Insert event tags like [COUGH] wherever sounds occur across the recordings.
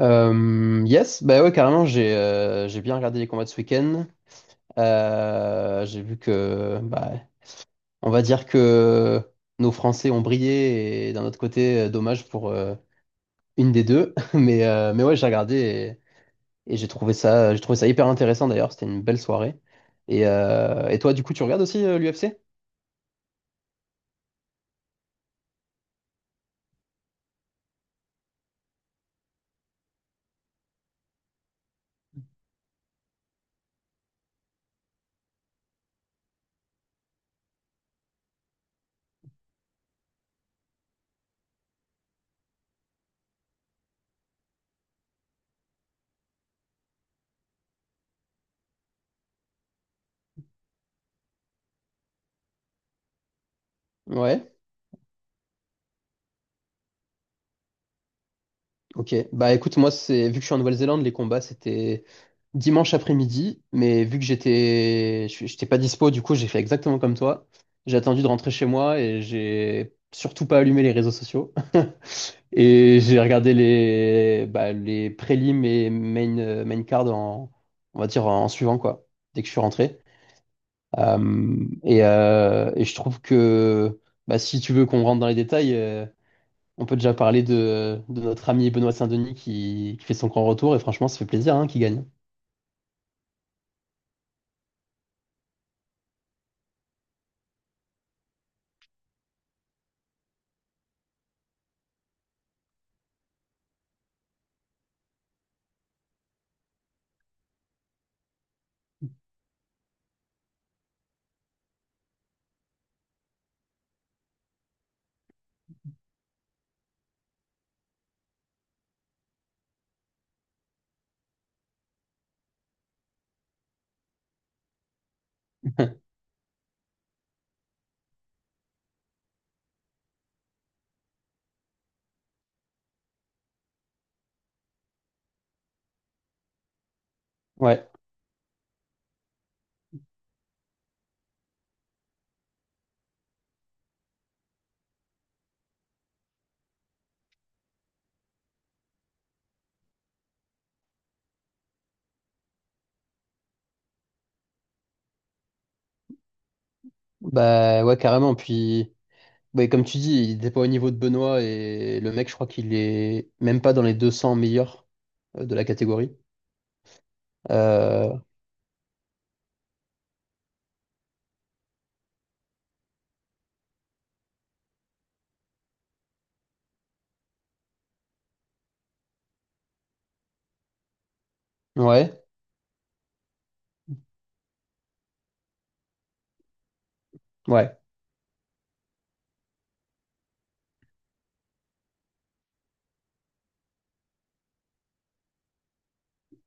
Yes, bah ouais, carrément, j'ai bien regardé les combats de ce week-end. J'ai vu que, bah, on va dire que nos Français ont brillé et d'un autre côté, dommage pour une des deux. [LAUGHS] Mais ouais, j'ai regardé et j'ai trouvé ça hyper intéressant d'ailleurs. C'était une belle soirée. Et toi, du coup, tu regardes aussi l'UFC? Ouais, ok. Bah écoute, moi, c'est vu que je suis en Nouvelle-Zélande, les combats, c'était dimanche après-midi, mais vu que j'étais pas dispo, du coup, j'ai fait exactement comme toi. J'ai attendu de rentrer chez moi et j'ai surtout pas allumé les réseaux sociaux. [LAUGHS] Et j'ai regardé les, bah, les prélims et main card en, on va dire, en suivant, quoi, dès que je suis rentré. Et je trouve que bah, si tu veux qu'on rentre dans les détails, on peut déjà parler de notre ami Benoît Saint-Denis qui fait son grand retour. Et franchement, ça fait plaisir, hein, qu'il gagne. [LAUGHS] Ouais. Bah ouais, carrément. Puis, ouais, comme tu dis, il était pas au niveau de Benoît et le mec, je crois qu'il est même pas dans les 200 meilleurs, de la catégorie. Euh, ouais, ouais.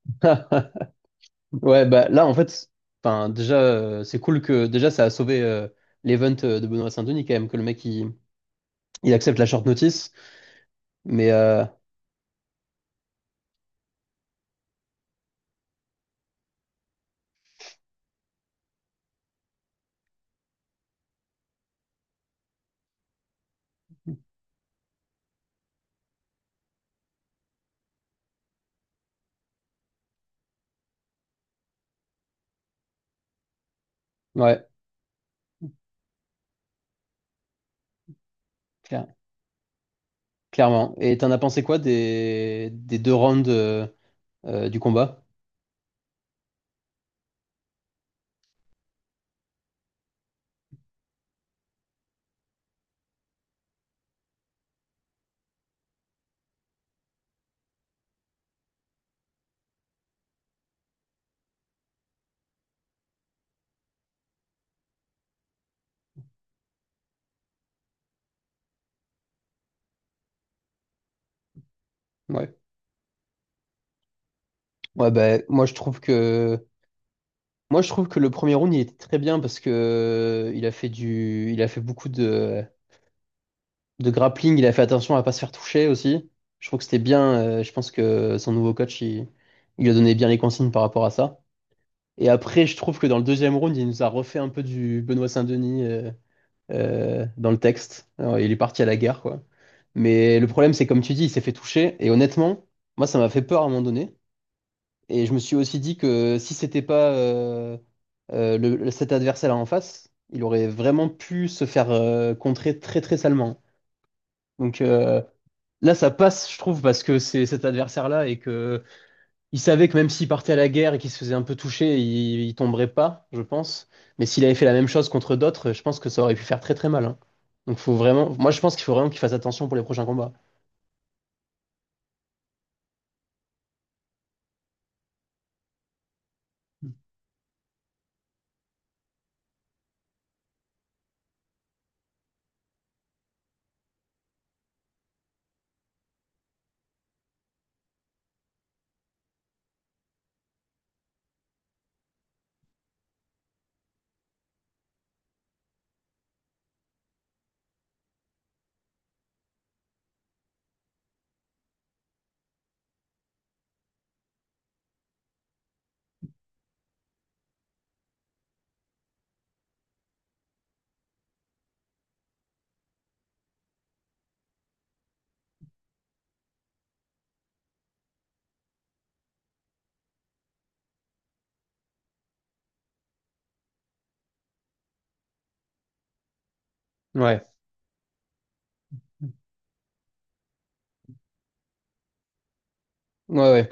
[LAUGHS] Ouais, bah là, en fait, enfin, déjà, c'est cool que déjà ça a sauvé l'event de Benoît Saint-Denis quand même, que le mec il accepte la short notice. Mais ouais, clair- clairement. Et t'en as pensé quoi des deux rounds du combat? Ouais. Ouais, bah, moi je trouve que le premier round il était très bien parce que il a fait beaucoup de grappling, il a fait attention à pas se faire toucher aussi. Je trouve que c'était bien, je pense que son nouveau coach il lui a donné bien les consignes par rapport à ça. Et après je trouve que dans le deuxième round, il nous a refait un peu du Benoît Saint-Denis dans le texte. Alors, il est parti à la guerre, quoi. Mais le problème, c'est comme tu dis, il s'est fait toucher. Et honnêtement, moi, ça m'a fait peur à un moment donné. Et je me suis aussi dit que si c'était pas cet adversaire-là en face, il aurait vraiment pu se faire contrer très très salement. Donc là, ça passe, je trouve, parce que c'est cet adversaire-là et que il savait que même s'il partait à la guerre et qu'il se faisait un peu toucher, il tomberait pas, je pense. Mais s'il avait fait la même chose contre d'autres, je pense que ça aurait pu faire très très mal, hein. Donc faut vraiment, moi je pense qu'il faut vraiment qu'il fasse attention pour les prochains combats. Ouais, ouais, ouais.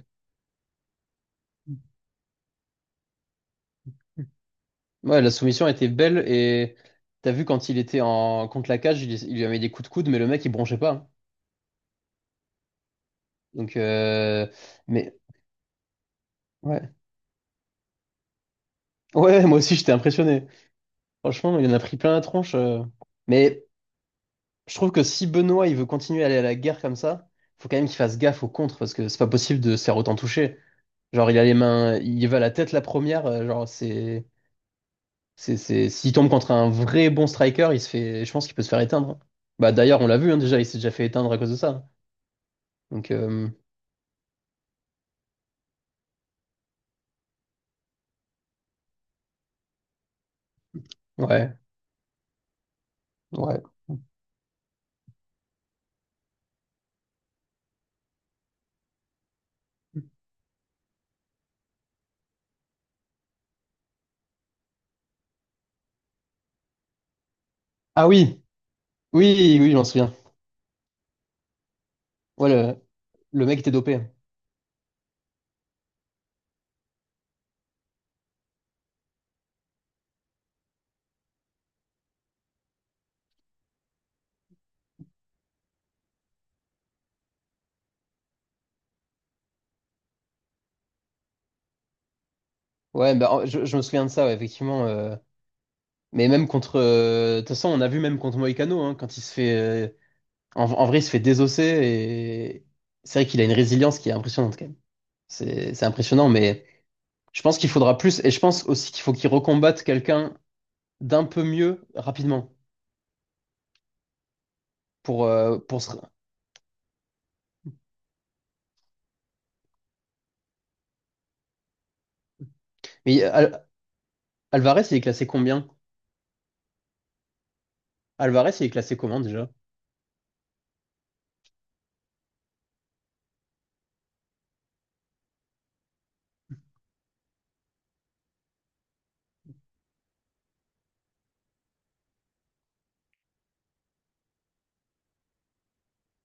Ouais, la soumission était belle et t'as vu quand il était en contre la cage, il lui avait mis des coups de coude, mais le mec il bronchait pas, hein. Donc, mais ouais, ouais, moi aussi j'étais impressionné. Franchement, il en a pris plein la tronche. Mais je trouve que si Benoît il veut continuer à aller à la guerre comme ça, faut quand même qu'il fasse gaffe au contre parce que c'est pas possible de se faire autant toucher. Genre il a les mains, il va à la tête la première, genre c'est s'il tombe contre un vrai bon striker, il se fait, je pense qu'il peut se faire éteindre. Bah d'ailleurs, on l'a vu, hein, déjà, il s'est déjà fait éteindre à cause de ça. Donc ouais, ouais. Ah oui, oui, oui, je m'en souviens. Ouais, le mec était dopé. Ouais, bah, je me souviens de ça, ouais, effectivement. Mais même contre. De toute façon, on a vu même contre Moïcano, hein, quand il se fait, en vrai, il se fait désosser et c'est vrai qu'il a une résilience qui est impressionnante quand même. C'est impressionnant, mais je pense qu'il faudra plus et je pense aussi qu'il faut qu'il recombatte quelqu'un d'un peu mieux rapidement. Pour se- Mais Al- Alvarez, il est classé combien? Alvarez, il est classé comment déjà?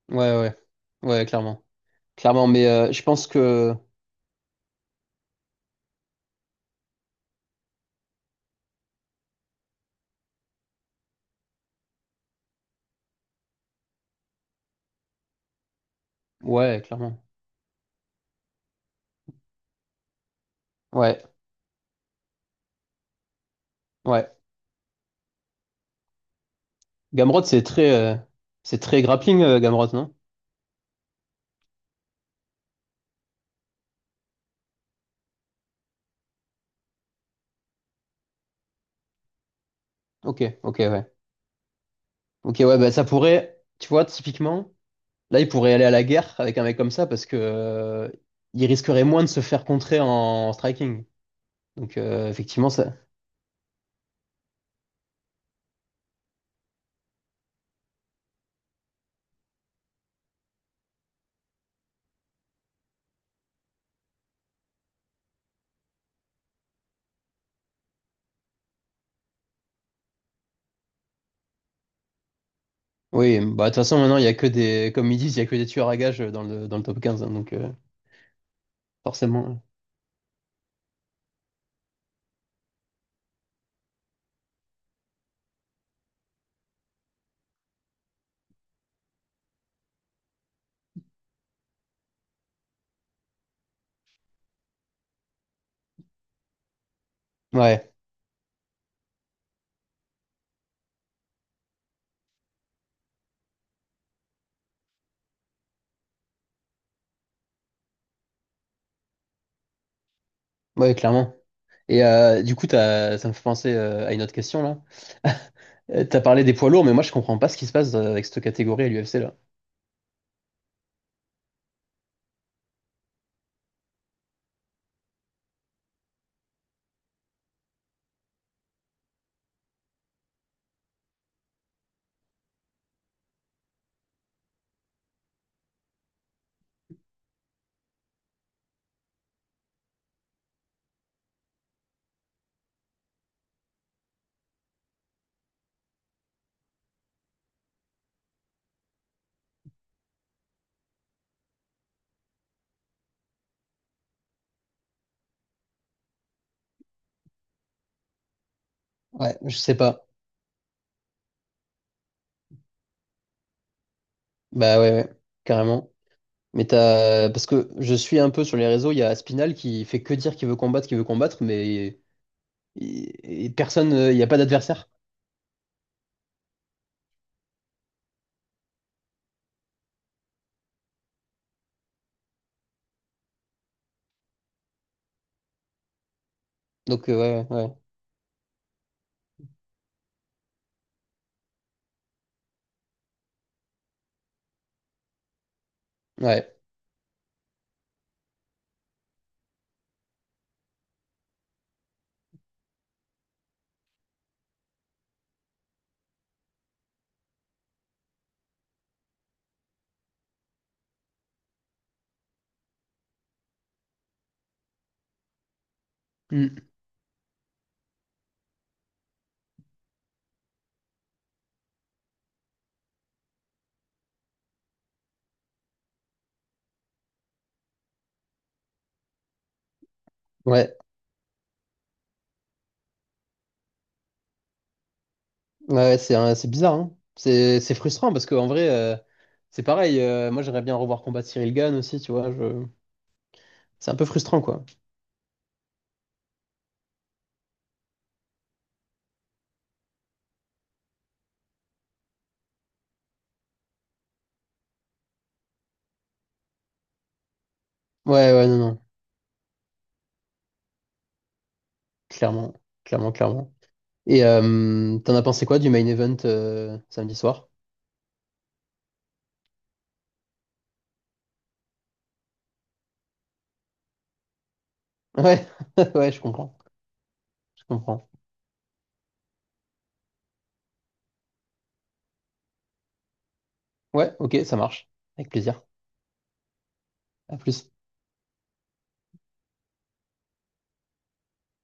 Ouais, ouais, ouais, clairement. Clairement, mais je pense que. Ouais, clairement. Ouais, ouais. Gamrot, c'est très grappling, Gamrot, non? Ok, ok, ouais. Ok, ouais, bah ça pourrait, tu vois, typiquement. Là, il pourrait aller à la guerre avec un mec comme ça parce que il risquerait moins de se faire contrer en striking. Donc effectivement, ça. Oui, bah de toute façon maintenant il y a que des, comme ils disent, il y a que des tueurs à gages dans le top 15, hein, donc forcément. Ouais, ouais, clairement. Et du coup, ça me fait penser, à une autre question là. [LAUGHS] T'as parlé des poids lourds, mais moi je comprends pas ce qui se passe, avec cette catégorie à l'UFC là. Ouais, je sais pas. Bah ouais, ouais, carrément. Mais parce que je suis un peu sur les réseaux, il y a Spinal qui fait que dire qu'il veut combattre, mais et personne, il n'y a pas d'adversaire. Donc, ouais, ouais, ouais. Mm. Ouais, ouais, c'est bizarre, hein. C'est frustrant parce qu'en vrai, c'est pareil. Moi, j'aimerais bien revoir combattre Cyril Gann aussi, tu vois. Je... c'est un peu frustrant, quoi. Ouais, ouais, non, non. Clairement, clairement, clairement. Et t'en as pensé quoi du main event, samedi soir? Ouais, [LAUGHS] ouais, je comprends, je comprends. Ouais, ok, ça marche. Avec plaisir. À plus.